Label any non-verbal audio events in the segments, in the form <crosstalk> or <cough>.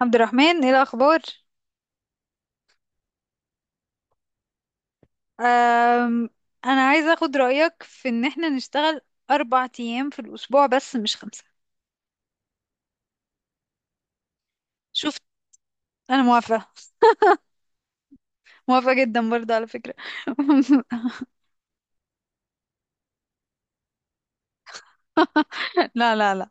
عبد الرحمن، ايه الاخبار؟ أم، انا عايزه اخد رايك في ان احنا نشتغل اربع ايام في الاسبوع بس مش خمسه. شفت؟ انا موافقه. موافقه جدا برضه على فكره. <laughs> لا لا لا،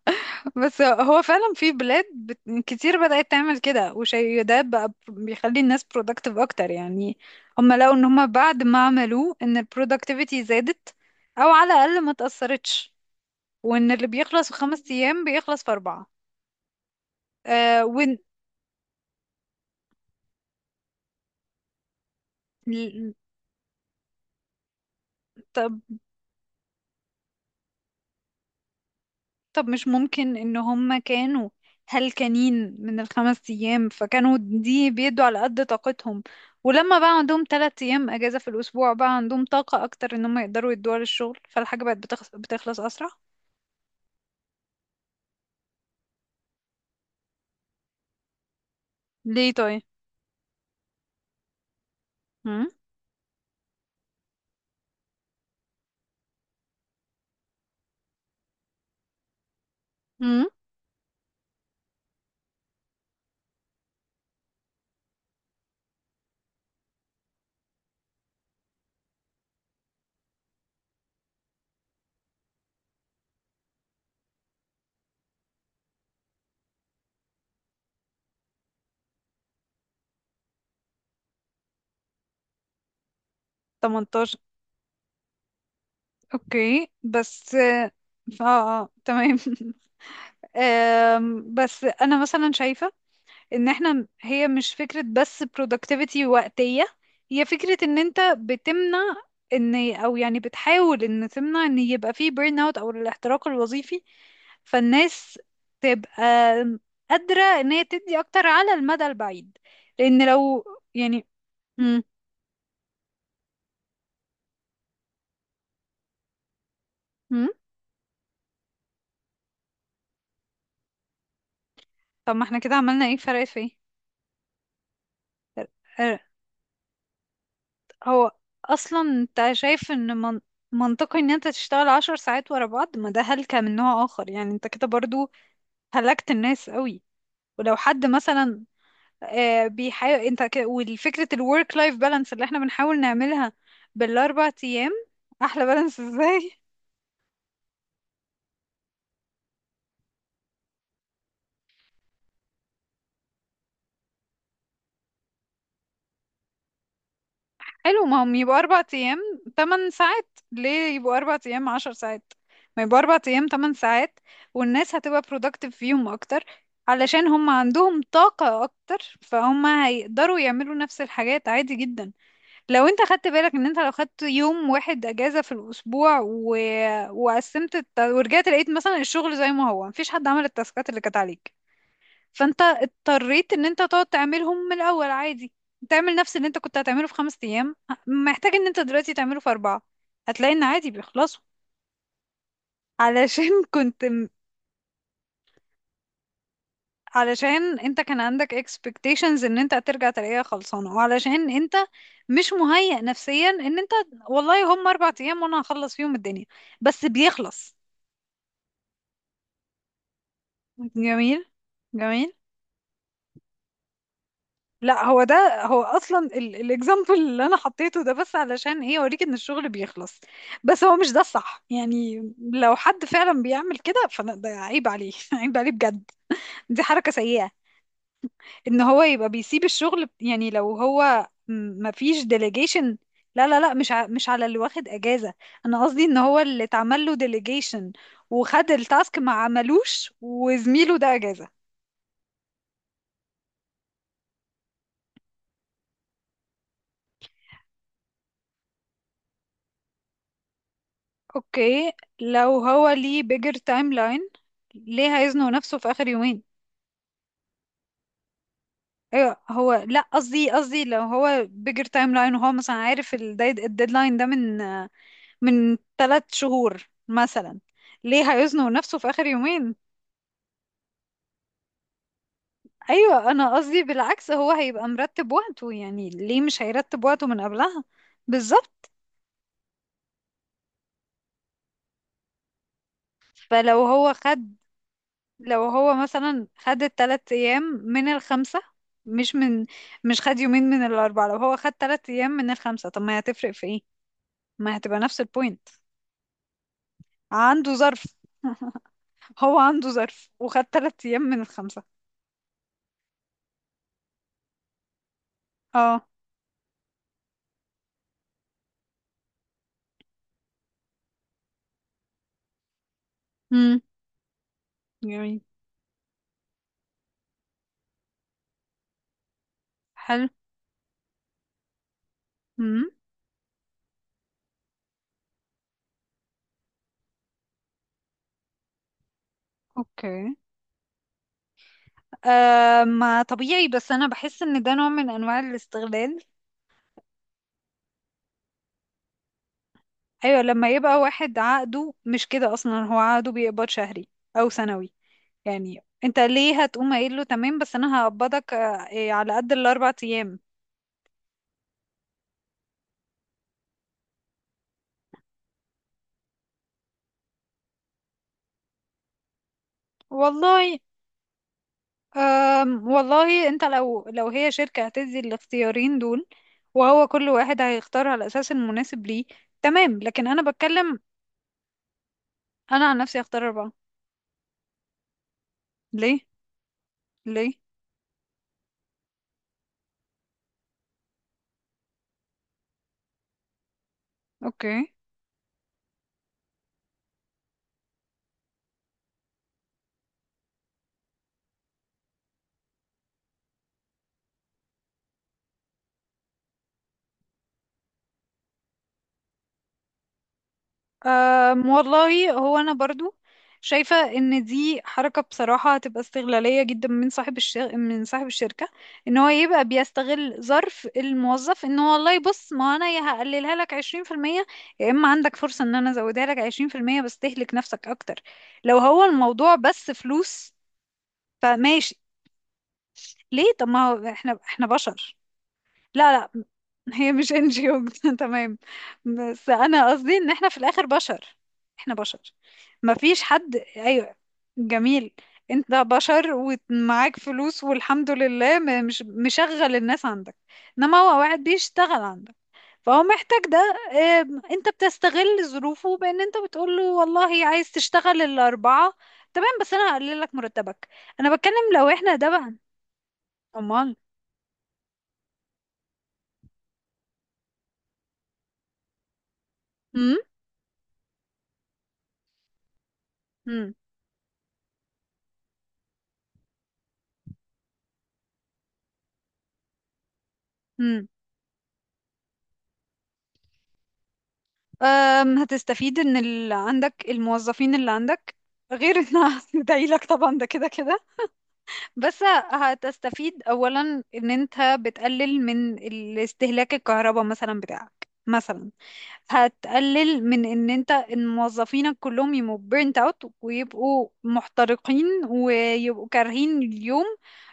بس هو فعلا في بلاد كتير بدات تعمل كده، وشيء ده بقى بيخلي الناس productive اكتر يعني. هم لقوا ان هم بعد ما عملوه ان البرودكتيفيتي زادت، او على الاقل ما تاثرتش، وان اللي بيخلص في خمس ايام بيخلص في اربعه. أه. وإن- طب مش ممكن ان هم كانوا هلكانين من الخمس ايام، فكانوا دي بيدوا على قد طاقتهم، ولما بقى عندهم تلات ايام اجازة في الاسبوع بقى عندهم طاقة اكتر ان هم يقدروا يدوها للشغل، فالحاجة بقت بتخلص, بتخلص اسرع. ليه طيب؟ هم. هم. 18. اوكي، بس اه، آه، آه، تمام. <laughs> آم، بس انا مثلا شايفة ان احنا هي مش فكرة بس productivity وقتية، هي فكرة ان انت بتمنع ان او يعني بتحاول ان تمنع ان يبقى فيه burn out او الاحتراق الوظيفي، فالناس تبقى قادرة ان هي تدي اكتر على المدى البعيد، لان لو يعني. مم. مم. طب ما احنا كده عملنا ايه؟ فرق في ايه؟ آه، هو اصلا انت شايف ان منطقي ان انت تشتغل عشر ساعات ورا بعض؟ ما ده هلكة من نوع اخر يعني، انت كده برضو هلكت الناس قوي. ولو حد مثلا آه، بيحاول انت والفكرة الورك لايف بالانس اللي احنا بنحاول نعملها بالاربع ايام. احلى بالانس ازاي؟ <laughs> حلو، ما هم يبقوا اربع ايام تمن ساعات، ليه يبقوا اربع ايام عشر ساعات؟ ما يبقوا اربع ايام تمن ساعات، والناس هتبقى productive فيهم اكتر، علشان هم عندهم طاقة اكتر، فهم هيقدروا يعملوا نفس الحاجات عادي جدا. لو انت خدت بالك ان انت لو خدت يوم واحد اجازة في الاسبوع وقسمت ورجعت لقيت مثلا الشغل زي ما هو، مفيش حد عمل التاسكات اللي كانت عليك، فانت اضطريت ان انت تقعد تعملهم من الاول عادي. تعمل نفس اللي انت كنت هتعمله في خمس ايام محتاج ان انت دلوقتي تعمله في اربعة. هتلاقي ان عادي بيخلصوا. علشان <laughs> كنت، علشان انت كان عندك expectations ان انت هترجع تلاقيها خلصانة، وعلشان انت مش مهيأ نفسيا ان انت والله هم اربع ايام وانا هخلص فيهم الدنيا. بس بيخلص. جميل. جميل. لا، هو ده هو اصلا الاكزامبل اللي انا حطيته، ده بس علشان ايه اوريك ان الشغل بيخلص، بس هو مش ده الصح يعني. لو حد فعلا بيعمل كده فده عيب عليه <laughs> عيب عليه بجد، دي حركة سيئة. ان هو يبقى بيسيب الشغل يعني لو هو ما فيش ديليجيشن. لا لا لا، مش مش على اللي واخد اجازة، انا قصدي ان هو اللي اتعمل له ديليجيشن وخد التاسك ما عملوش، وزميله ده اجازة. اوكي. لو هو ليه بيجر تايم لاين ليه هيزنق نفسه في اخر يومين؟ ايوه هو، لا قصدي لو هو بيجر تايم لاين وهو مثلا عارف الديدلاين ده من من ثلاث شهور مثلا، ليه هيزنق نفسه في اخر يومين؟ ايوه انا قصدي بالعكس، هو هيبقى مرتب وقته، يعني ليه مش هيرتب وقته من قبلها؟ بالظبط. فلو هو خد، لو هو مثلا خد التلات ايام من الخمسة، مش من، مش خد يومين من الاربعة. لو هو خد تلات ايام من الخمسة طب ما هي هتفرق في ايه؟ ما هتبقى نفس البوينت. عنده ظرف. <laughs> هو عنده ظرف وخد تلات ايام من الخمسة. اه. امم. جميل. حلو. امم. اوكي. آه ما طبيعي، بس انا بحس ان ده نوع من انواع الاستغلال. ايوه لما يبقى واحد عقده مش كده، اصلا هو عقده بيقبض شهري او سنوي، يعني انت ليه هتقوم قايل له تمام بس انا هقبضك آه، إيه، على قد الاربع ايام؟ والله. أم والله انت لو هي شركة هتدي الاختيارين دول، وهو كل واحد هيختار على اساس المناسب ليه، تمام. لكن انا بتكلم، انا عن نفسي هختار اربعة. ليه؟ ليه؟ اوكي. أم والله هو، أنا برضو شايفة إن دي حركة بصراحة هتبقى استغلالية جدا من صاحب من صاحب الشركة، إن هو يبقى بيستغل ظرف الموظف. إن هو والله بص ما أنا يا هقللها لك عشرين في المية، يا إما عندك فرصة إن أنا أزودها لك عشرين في المية بس تهلك نفسك أكتر. لو هو الموضوع بس فلوس فماشي. ليه؟ طب ما هو إحنا، إحنا بشر. لا لا هي مش ان جي او. <laughs> تمام، بس انا قصدي ان احنا في الاخر بشر. احنا بشر. ما فيش حد، ايوه. جميل. انت بشر ومعاك فلوس والحمد لله، مش مشغل الناس عندك، انما هو واحد بيشتغل عندك، فهو محتاج ده. آم، انت بتستغل ظروفه بان انت بتقول له والله عايز تشتغل الاربعة تمام بس انا هقلل لك مرتبك. انا بتكلم لو احنا ده بقى. امال. امم. أم، هتستفيد ان عندك الموظفين اللي عندك، غير انها <laughs> هتدعي لك طبعا، ده كده كده. بس هتستفيد اولا ان انت بتقلل من استهلاك الكهرباء مثلا بتاعك مثلا. هتقلل من ان انت إن موظفينك كلهم يبقوا بيرنت اوت، ويبقوا محترقين ويبقوا كارهين اليوم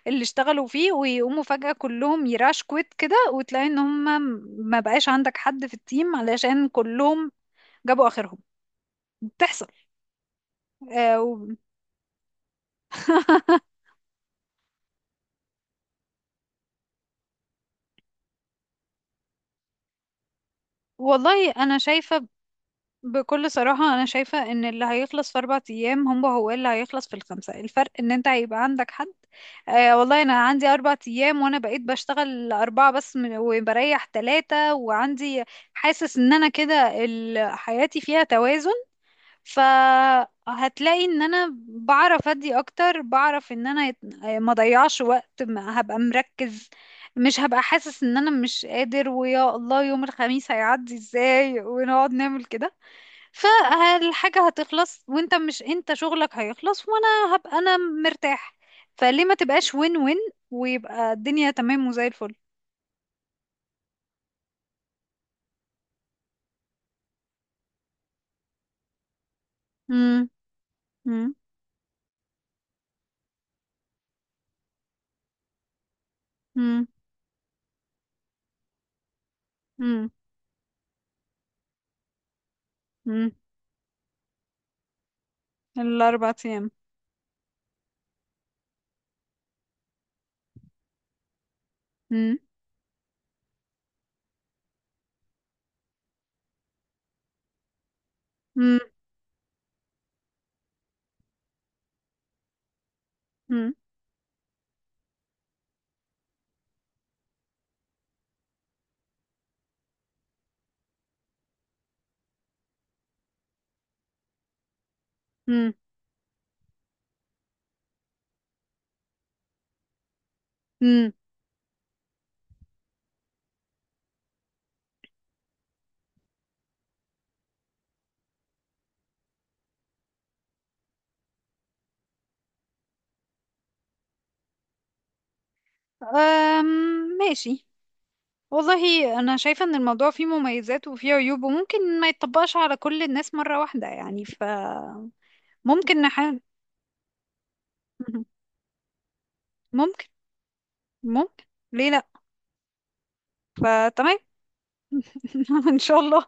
اللي اشتغلوا فيه، ويقوموا فجأة كلهم يراش كويت كده، وتلاقي ان هم ما بقاش عندك حد في التيم علشان كلهم جابوا اخرهم. بتحصل. آه و... <laughs> والله انا شايفة، بكل صراحة انا شايفة ان اللي هيخلص في اربع ايام هم هو اللي هيخلص في الخمسة، الفرق ان انت هيبقى عندك حد آه والله انا عندي اربع ايام وانا بقيت بشتغل اربعة بس من- وبريح ثلاثة، وعندي حاسس ان انا كده حياتي فيها توازن، فهتلاقي ان انا بعرف ادي اكتر، بعرف ان انا ما ضيعش وقت، ما هبقى مركز، مش هبقى حاسس ان انا مش قادر ويا الله يوم الخميس هيعدي ازاي ونقعد نعمل كده. فالحاجة هتخلص، وانت مش انت شغلك هيخلص وانا هبقى انا مرتاح، فليه ما تبقاش وين وين، ويبقى الدنيا تمام وزي الفل. مم. مم. مم. مم. مم. الاربع ايام. مم. مم. مم. مم. أم. ماشي. والله أنا شايفة إن الموضوع فيه مميزات وفيه عيوب، وممكن ما يتطبقش على كل الناس مرة واحدة يعني، فممكن نحاول. <laughs> ممكن. ممكن. ليه لأ؟ فتمام. <laughs> إن شاء الله.